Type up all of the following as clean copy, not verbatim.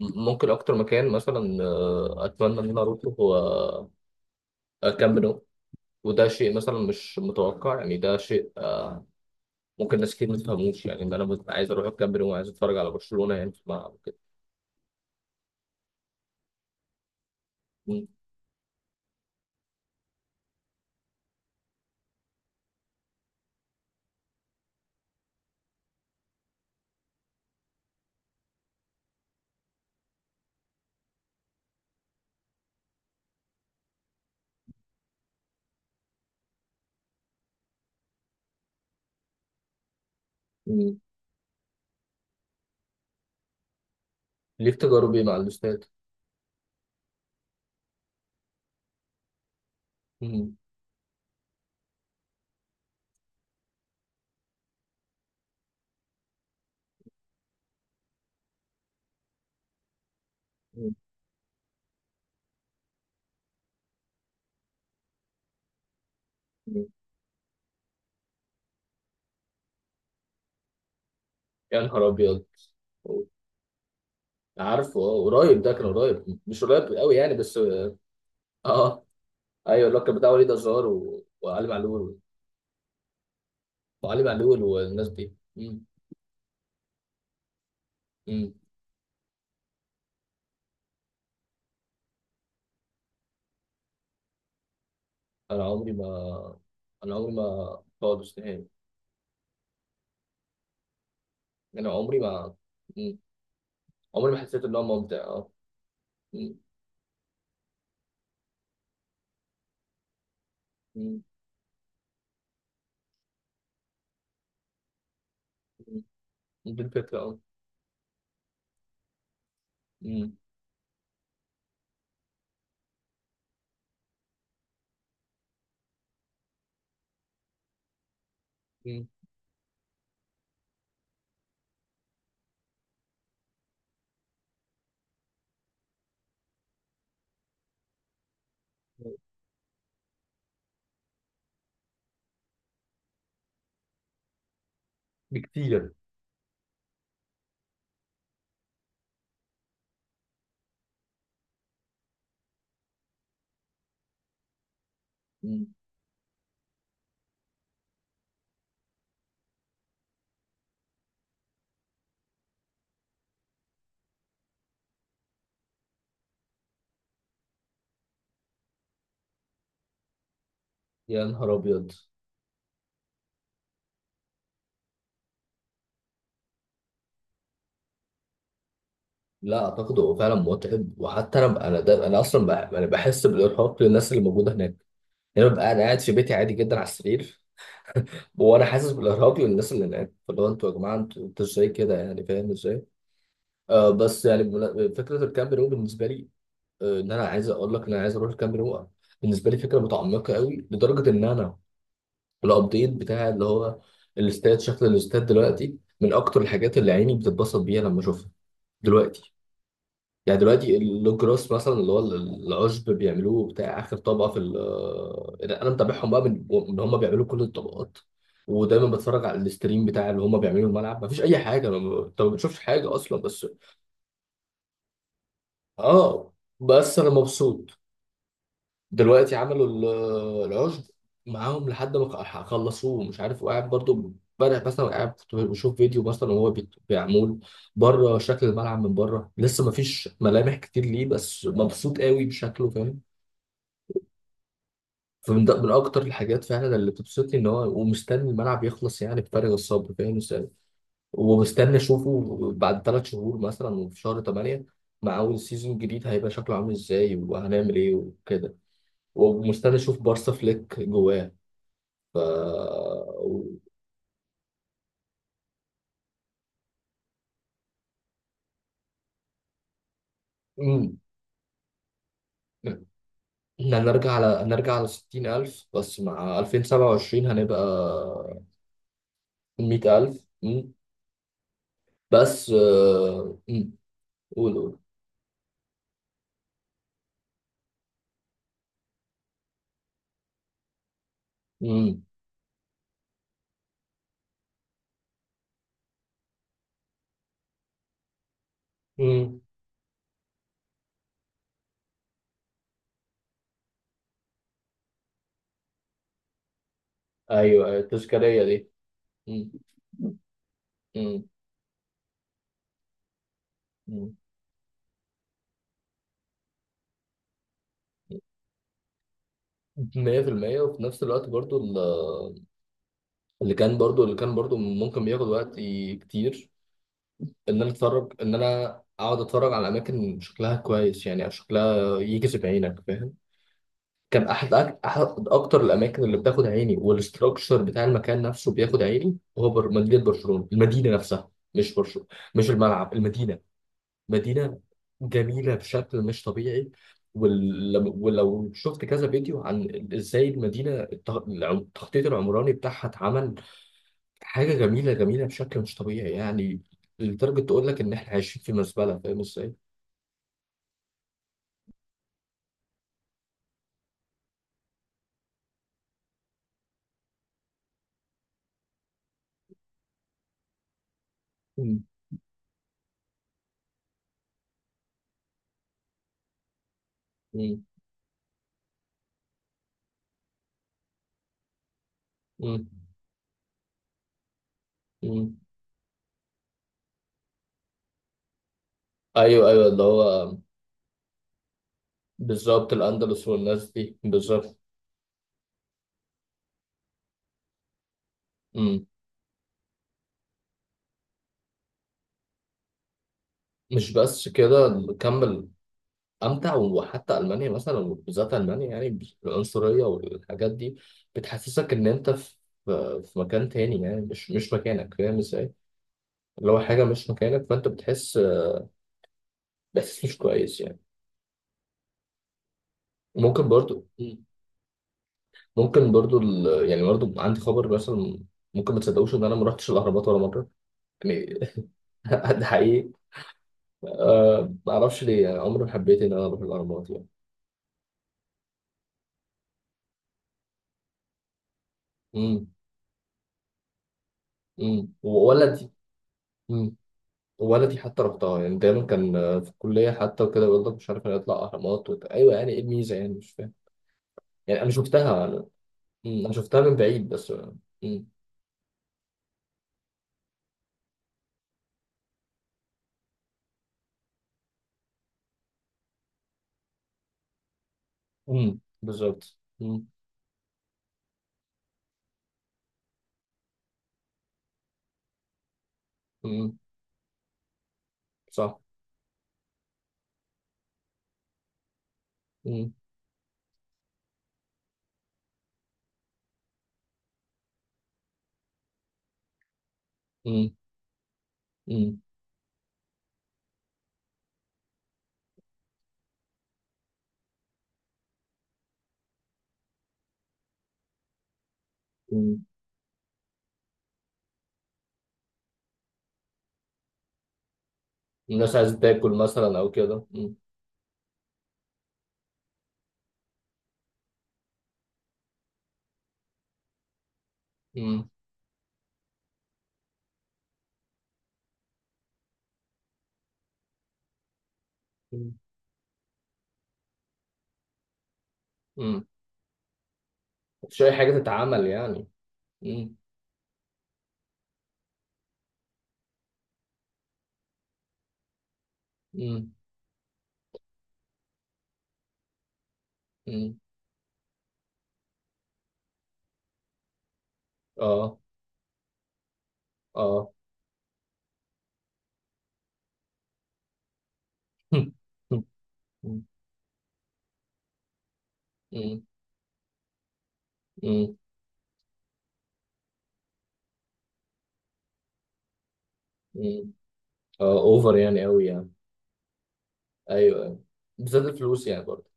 ممكن اكتر مكان مثلا اتمنى ان انا اروحه هو كامب نو. وده شيء مثلا مش متوقع يعني ده شيء ممكن ناس كتير ما تفهموش يعني ان انا ببقى عايز اروح الكامب نو وعايز اتفرج على برشلونة يعني في الملعب كده. ليك تجاربي مع الاستاد. مم. مم. مم. يا نهار ابيض. عارفه، قريب، ده كان قريب مش قريب قوي يعني، بس اه. آه، ايوه، اللي هو كان بتاع وليد ازار وعلي معلول. وعلي معلول والناس دي. مم. مم. انا عمري ما انا عمري ما خالص نهائي. انا عمري ما مم. عمري ما حسيت ان هو ممتع اه. مم. مم. مم. دي الفكره اه. مم. مم. بكتير. مم. يا نهار ابيض. لا اعتقد هو فعلا متعب، وحتى انا ب- انا ده انا اصلا بح- انا بحس بالارهاق للناس اللي موجوده هناك. يعني ببقى انا قاعد في بيتي عادي جدا على السرير، وانا حاسس بالارهاق للناس اللي هناك. فاللي هو انتوا يا جماعه، انتوا ازاي كده يعني؟ فاهم ازاي؟ بس يعني فكره الكامب ده بالنسبه لي، ان انا عايز اقول لك ان انا عايز اروح الكامب نو. بالنسبه لي فكره متعمقه قوي لدرجه ان انا الابديت بتاع اللي هو الاستاد، شكل الاستاد دلوقتي من اكتر الحاجات اللي عيني بتتبسط بيها لما اشوفها دلوقتي. يعني دلوقتي اللوجراس مثلا، اللي هو العشب بيعملوه بتاع اخر طبقه في ال- آه، انا متابعهم بقى من هم بيعملوا كل الطبقات. ودايما بتفرج على الاستريم بتاع اللي هم بيعملوه الملعب. مفيش اي حاجه، أنا ما- انت ما بتشوفش حاجه اصلا بس اه. بس انا مبسوط. دلوقتي عملوا العشب معاهم، لحد ما خلصوه مش عارف، وقاعد برضو. امبارح مثلا قاعد كنت بشوف فيديو مثلا وهو بيعمل بره، شكل الملعب من بره لسه ما فيش ملامح كتير ليه، بس مبسوط قوي بشكله، فاهم؟ فمن ده، من اكتر الحاجات فعلا اللي بتبسطني ان هو، ومستني الملعب يخلص يعني بفارغ الصبر، فاهم ازاي؟ ومستني اشوفه بعد ثلاث شهور مثلا، وفي شهر 8 مع اول سيزون جديد، هيبقى شكله عامل ازاي، وهنعمل ايه وكده. ومستني اشوف بارسا فليك جواه. ف، مم. إحنا هنرجع على 60,000، بس مع 2027 هنبقى 100,000. مم. بس مم. قول، قول. مم. مم. أيوه، أيوه، التذكارية دي. مم. مم. مم. 100%. وفي نفس الوقت برضو اللي كان برضو ممكن بياخد وقت كتير. إن أنا أقعد أتفرج على أماكن شكلها كويس يعني، شكلها يجذب عينك. كان احد احد اكتر الاماكن اللي بتاخد عيني، والاستراكشر بتاع المكان نفسه بياخد عيني، هو مدينه برشلونه، المدينه نفسها مش برشلونه. مش الملعب، المدينه. مدينه جميله بشكل مش طبيعي. ولو شفت كذا فيديو عن ازاي المدينه التخطيط العمراني بتاعها اتعمل، حاجه جميله، جميله بشكل مش طبيعي يعني. لدرجه تقول لك ان احنا عايشين في مزبله، فاهم ازاي؟ مم. مم. مم. مم. ايوه، ايوه اللي هو بالظبط، الأندلس والناس دي بالظبط. مم. مش بس كده، كمل. أمتع. وحتى ألمانيا مثلا، وبالذات ألمانيا يعني، العنصرية والحاجات دي بتحسسك إن أنت في، في مكان تاني يعني، مش مكانك، فاهم إزاي؟ اللي هو حاجة مش مكانك، فأنت بتحس بإحساس مش كويس يعني. ممكن برضو، مم. ممكن برضو ال... يعني برضو عندي خبر مثلا، ممكن ما تصدقوش إن أنا ما رحتش الأهرامات ولا مرة يعني. ده حقيقي. أه، ما أعرفش ليه، يعني عمري ما حبيت إن أنا أروح الأهرامات يعني. امم. امم، وولدي. امم، وولدي حتى رحتها، يعني دايما كان، في الكليه حتى وكده، يقول لك مش عارف أنا يطلع اهرامات، وت... ايوه، يعني ايه الميزه يعني، مش فاهم. يعني انا شفتها انا. مم، أنا شفتها من بعيد بس. امم. امم، بالظبط. امم. امم. صح. امم. امم. امم. أمم. الناس عايزه تاكل مثلا او كده، امم. امم. امم. أمم. مفيش اي حاجه تتعمل يعني، امم. امم. امم. اه. اه. امم. امم. امم. اه، اوفر يعني قوي يعني. ايوه، ايوه، بالذات الفلوس يعني برضه.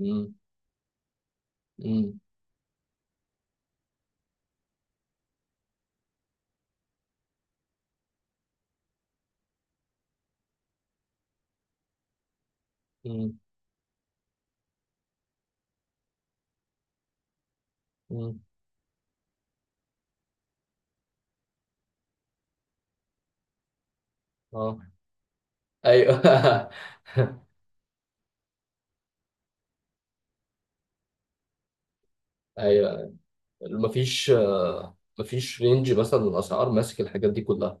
امم. امم. امم. امم. اه. ايوه. ايوه. مفيش مفيش رينج مثلا، الاسعار ماسك الحاجات دي كلها.